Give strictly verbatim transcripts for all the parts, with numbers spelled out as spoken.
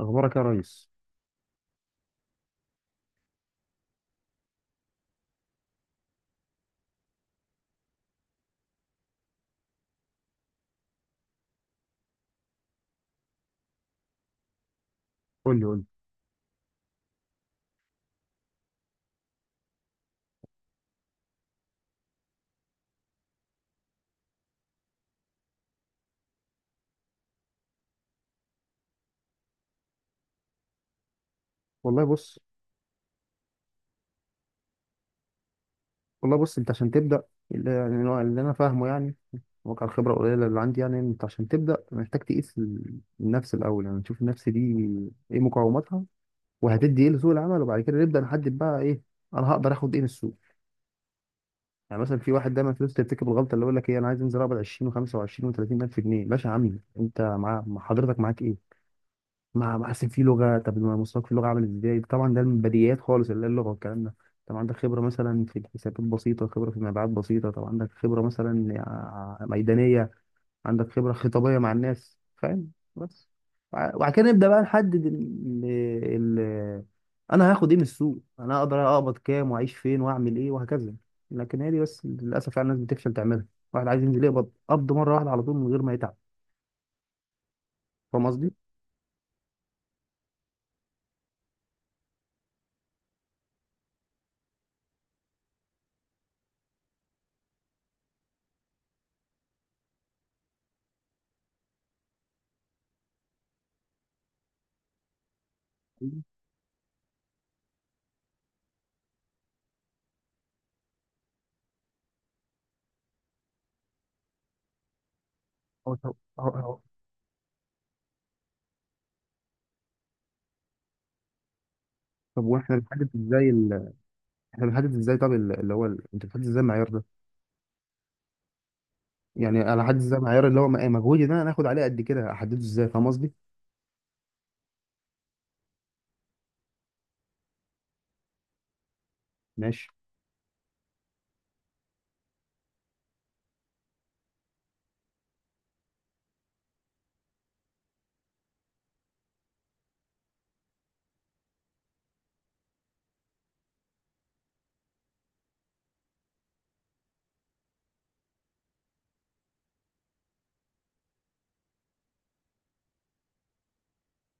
اخبارك يا ريس. قول لي قول لي. والله بص والله بص انت عشان تبدا. اللي يعني اللي انا فاهمه، يعني واقع الخبره القليله اللي عندي. يعني انت عشان تبدا محتاج تقيس ال- النفس الاول، يعني نشوف النفس دي ايه مقاوماتها وهتدي ايه لسوق العمل، وبعد كده نبدا نحدد بقى ايه انا هقدر اخد ايه من السوق. يعني مثلا في واحد دايما فلوس ترتكب الغلطه اللي يقول لك ايه: انا عايز انزل اقبض عشرين و25 و30 الف جنيه. باشا يا عم، انت مع مع حضرتك معاك ايه؟ ما ما أصل في لغة، طب ما مستواك في اللغة عامل إزاي؟ طبعا ده من بديهيات خالص اللي هي اللغة والكلام ده. طب عندك خبرة مثلا في الحسابات بسيطة، خبرة في المبيعات بسيطة، طب عندك خبرة مثلا ع- ميدانية، عندك خبرة خطابية مع الناس، فاهم؟ بس وع- وبعد كده نبدأ بقى نحدد ال... ال... أنا هاخد إيه من السوق، أنا أقدر أقبض كام وأعيش فين وأعمل إيه وهكذا. لكن هي دي بس للأسف يعني الناس بتفشل تعملها. واحد عايز ينزل يقبض قبض مرة واحدة على طول من غير ما يتعب. فاهم قصدي؟ هو- هو- هو- طب واحنا بنحدد ازاي ال... احنا بنحدد ازاي؟ طب ال- اللي هو ال... انت بتحدد ازاي المعيار ده؟ يعني انا احدد ازاي المعيار اللي هو م- مجهودي ده انا هاخد عليه قد كده؟ احدده ازاي؟ فاهم قصدي؟ ماشي.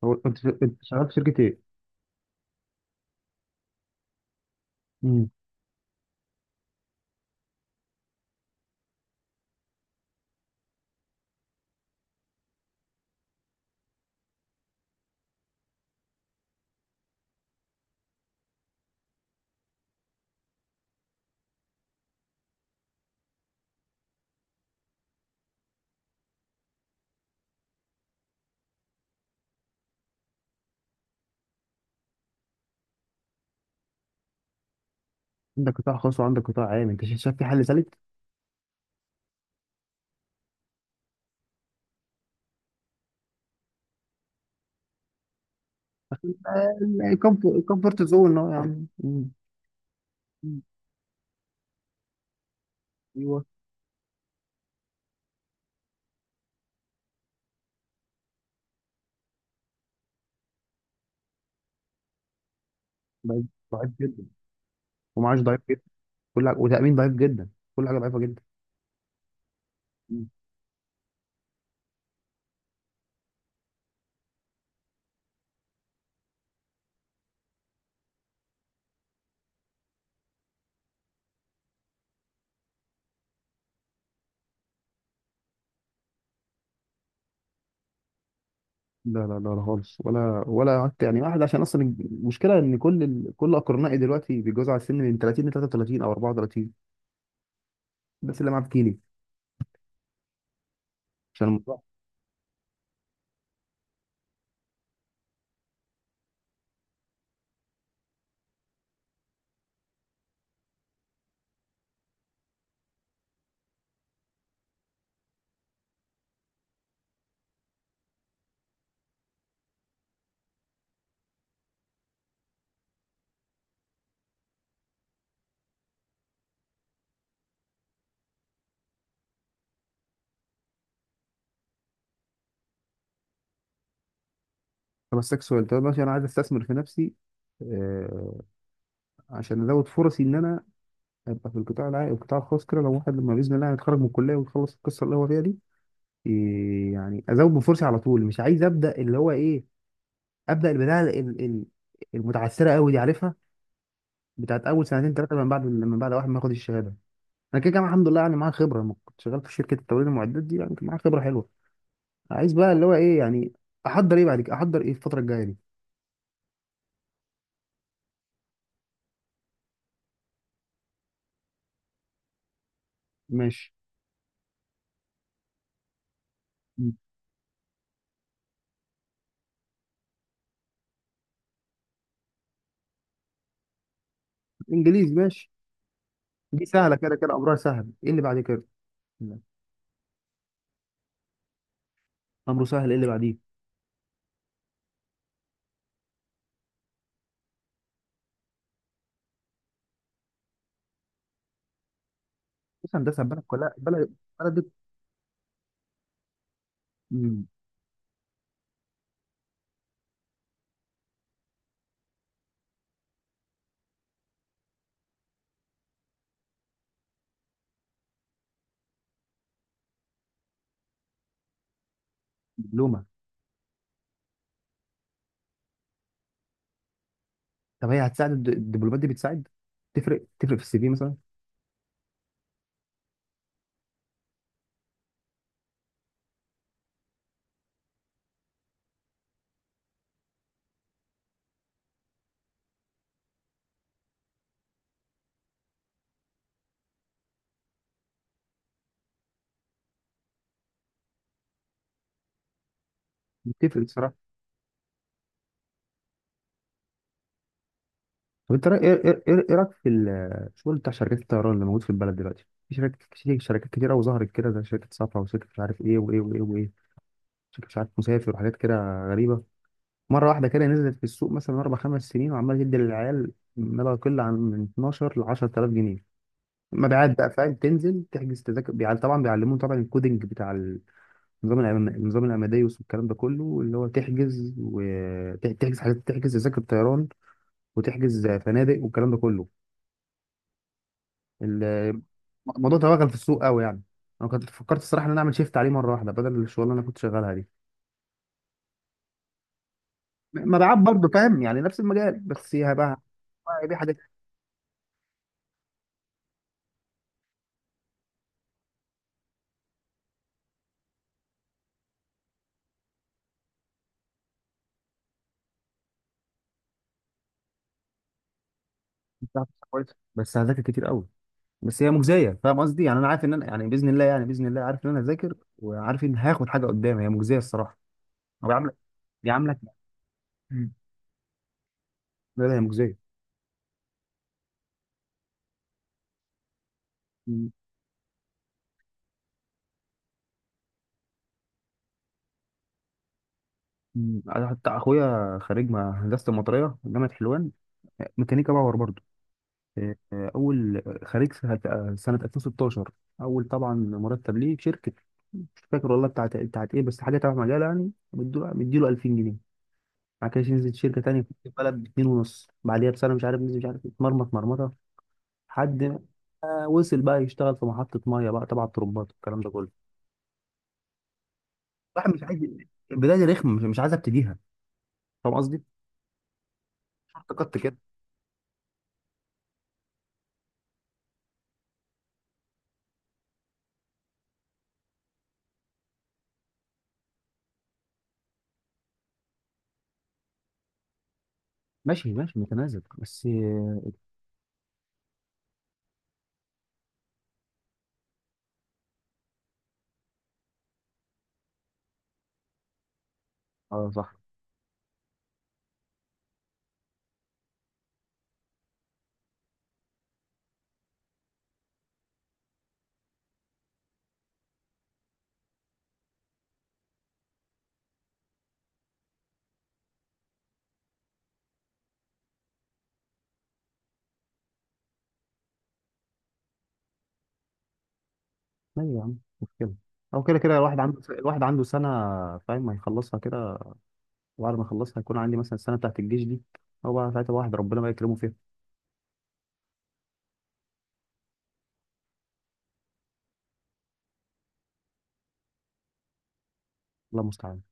هو انت ش- انت شغال في شركه ايه؟ امم. عندك قطاع خاص وعندك قطاع عام، انت شايف، شايف في حل ثالث؟ كومفورت زون اهو يا عم. مم. مم. ايوه. ضعيف، ضعيف جدا، ومعاش ضعيف جدا، كل حاجه، وتامين ضعيف جدا، كل حاجه ضعيفه جدا. لا لا لا لا خالص، ولا ولا قعدت. يعني واحد، عشان اصلا المشكله ان كل ال... كل اقرنائي دلوقتي بيتجوزوا على السن، من تلاتين ل تلاتة وتلاتين او اربعة وتلاتين، بس اللي معاه بكيني، عشان الموضوع. بس سكسوال. طب ماشي، انا عايز استثمر في نفسي. آه، عشان ازود فرصي ان انا ابقى في القطاع العام، القطاع الخاص كده، لو واحد لما باذن الله يتخرج من الكليه ويخلص القصه اللي هو فيها دي إيه، يعني ازود من فرصي على طول. مش عايز ابدا اللي هو ايه، ابدا البدايه ال- ال- المتعثره قوي دي، عارفها، بتاعت اول سنتين ثلاثه من بعد، من بعد واحد ما ياخد الشهاده. انا كده كده الحمد لله يعني معايا خبره، لما كنت شغال في شركه التوريد المعدات دي يعني كان معايا خبره حلوه. عايز بقى اللي هو ايه يعني، احضر ايه بعد كده، احضر ايه الفتره الجايه دي؟ ماشي. م. انجليزي، ماشي. دي سهله كده كده، امرها سهل. ايه اللي بعد كده؟ لا. امره سهل. ايه اللي بعديه؟ بص هندسه البلد كلها بلد، بلد دي. م، دبلومه. طب هي هتساعد، الد- الدبلومات دي بتساعد، تفرق؟ تفرق في السي في مثلا؟ بتفرق. طب انت رأي- ايه ايه ايه إيه رايك في الشغل بتاع شركات الطيران اللي موجود في البلد دلوقتي؟ في شركات كتير، شركات كتيره، وظهرت كده زي شركه صفا وشركه مش عارف ايه وايه وايه وايه، شركه مش عارف مسافر وحاجات كده غريبه. مره واحده كده نزلت في السوق مثلا اربع خمس سنين، وعماله تدي للعيال ما لا يقل عن من اتناشر ل عشر تلاف جنيه مبيعات بقى، فاهم؟ تنزل تحجز تذاكر بيع- طبعا بيعلمون، طبعا الكودينج بتاع النظام، الأم- النظام الاماديوس والكلام ده كله، اللي هو تحجز، وتحجز حاجات، تحجز تذاكر طيران وتحجز فنادق والكلام ده كله. ال- الموضوع توغل في السوق قوي يعني. انا كنت فكرت الصراحه ان انا اعمل شيفت عليه مره واحده بدل الشغل اللي انا كنت شغالها دي. مبيعات برضه، فاهم يعني، نفس المجال، بس هي بقى، هي دي حاجات بتاعت كويسه، بس هذاكر كتير قوي. بس هي مجزيه، فاهم قصدي؟ يعني انا عارف ان انا، يعني باذن الله، يعني باذن الله عارف ان انا هذاكر، وعارف ان هاخد حاجه قدام، هي مجزيه الصراحه. هو بيعاملك، بيعاملك مم. لا لا هي مجزيه. مم. مم. أنا حتى اخويا خريج ما- هندسه المطريه جامعه حلوان، ميكانيكا باور برضه. آه، اول خريج سنه آه، سنة ألفين وستة عشر. اول طبعا مرتب ليه في شركه مش فاكر والله، بتاعت بتاعت ايه، بس حاجه تبع مجاله يعني، مديله، مديله الفين جنيه. بعد كده نزل شركه تانيه في البلد ب اثنين ونص، بعديها بسنه مش عارف نزل، مش عارف اتمرمط مرمطه لحد ما وصل بقى يشتغل في محطه ميه بقى تبع الترمبات والكلام ده كله. الواحد مش عايز البدايه دي ركمه، مش مش عايز ابتديها. فاهم قصدي؟ شورت كات كده. ماشي، ماشي متناسب بس. اه صح، ايوه يا عم مش مشكله. او كده كده الواحد عنده، الواحد عنده سنه فاهم هيخلصها كده، وبعد ما يخلصها هيكون عندي مثلا السنه بتاعت الجيش دي، هو بقى ساعتها الواحد ربنا بقى يكرمه فيها. الله المستعان.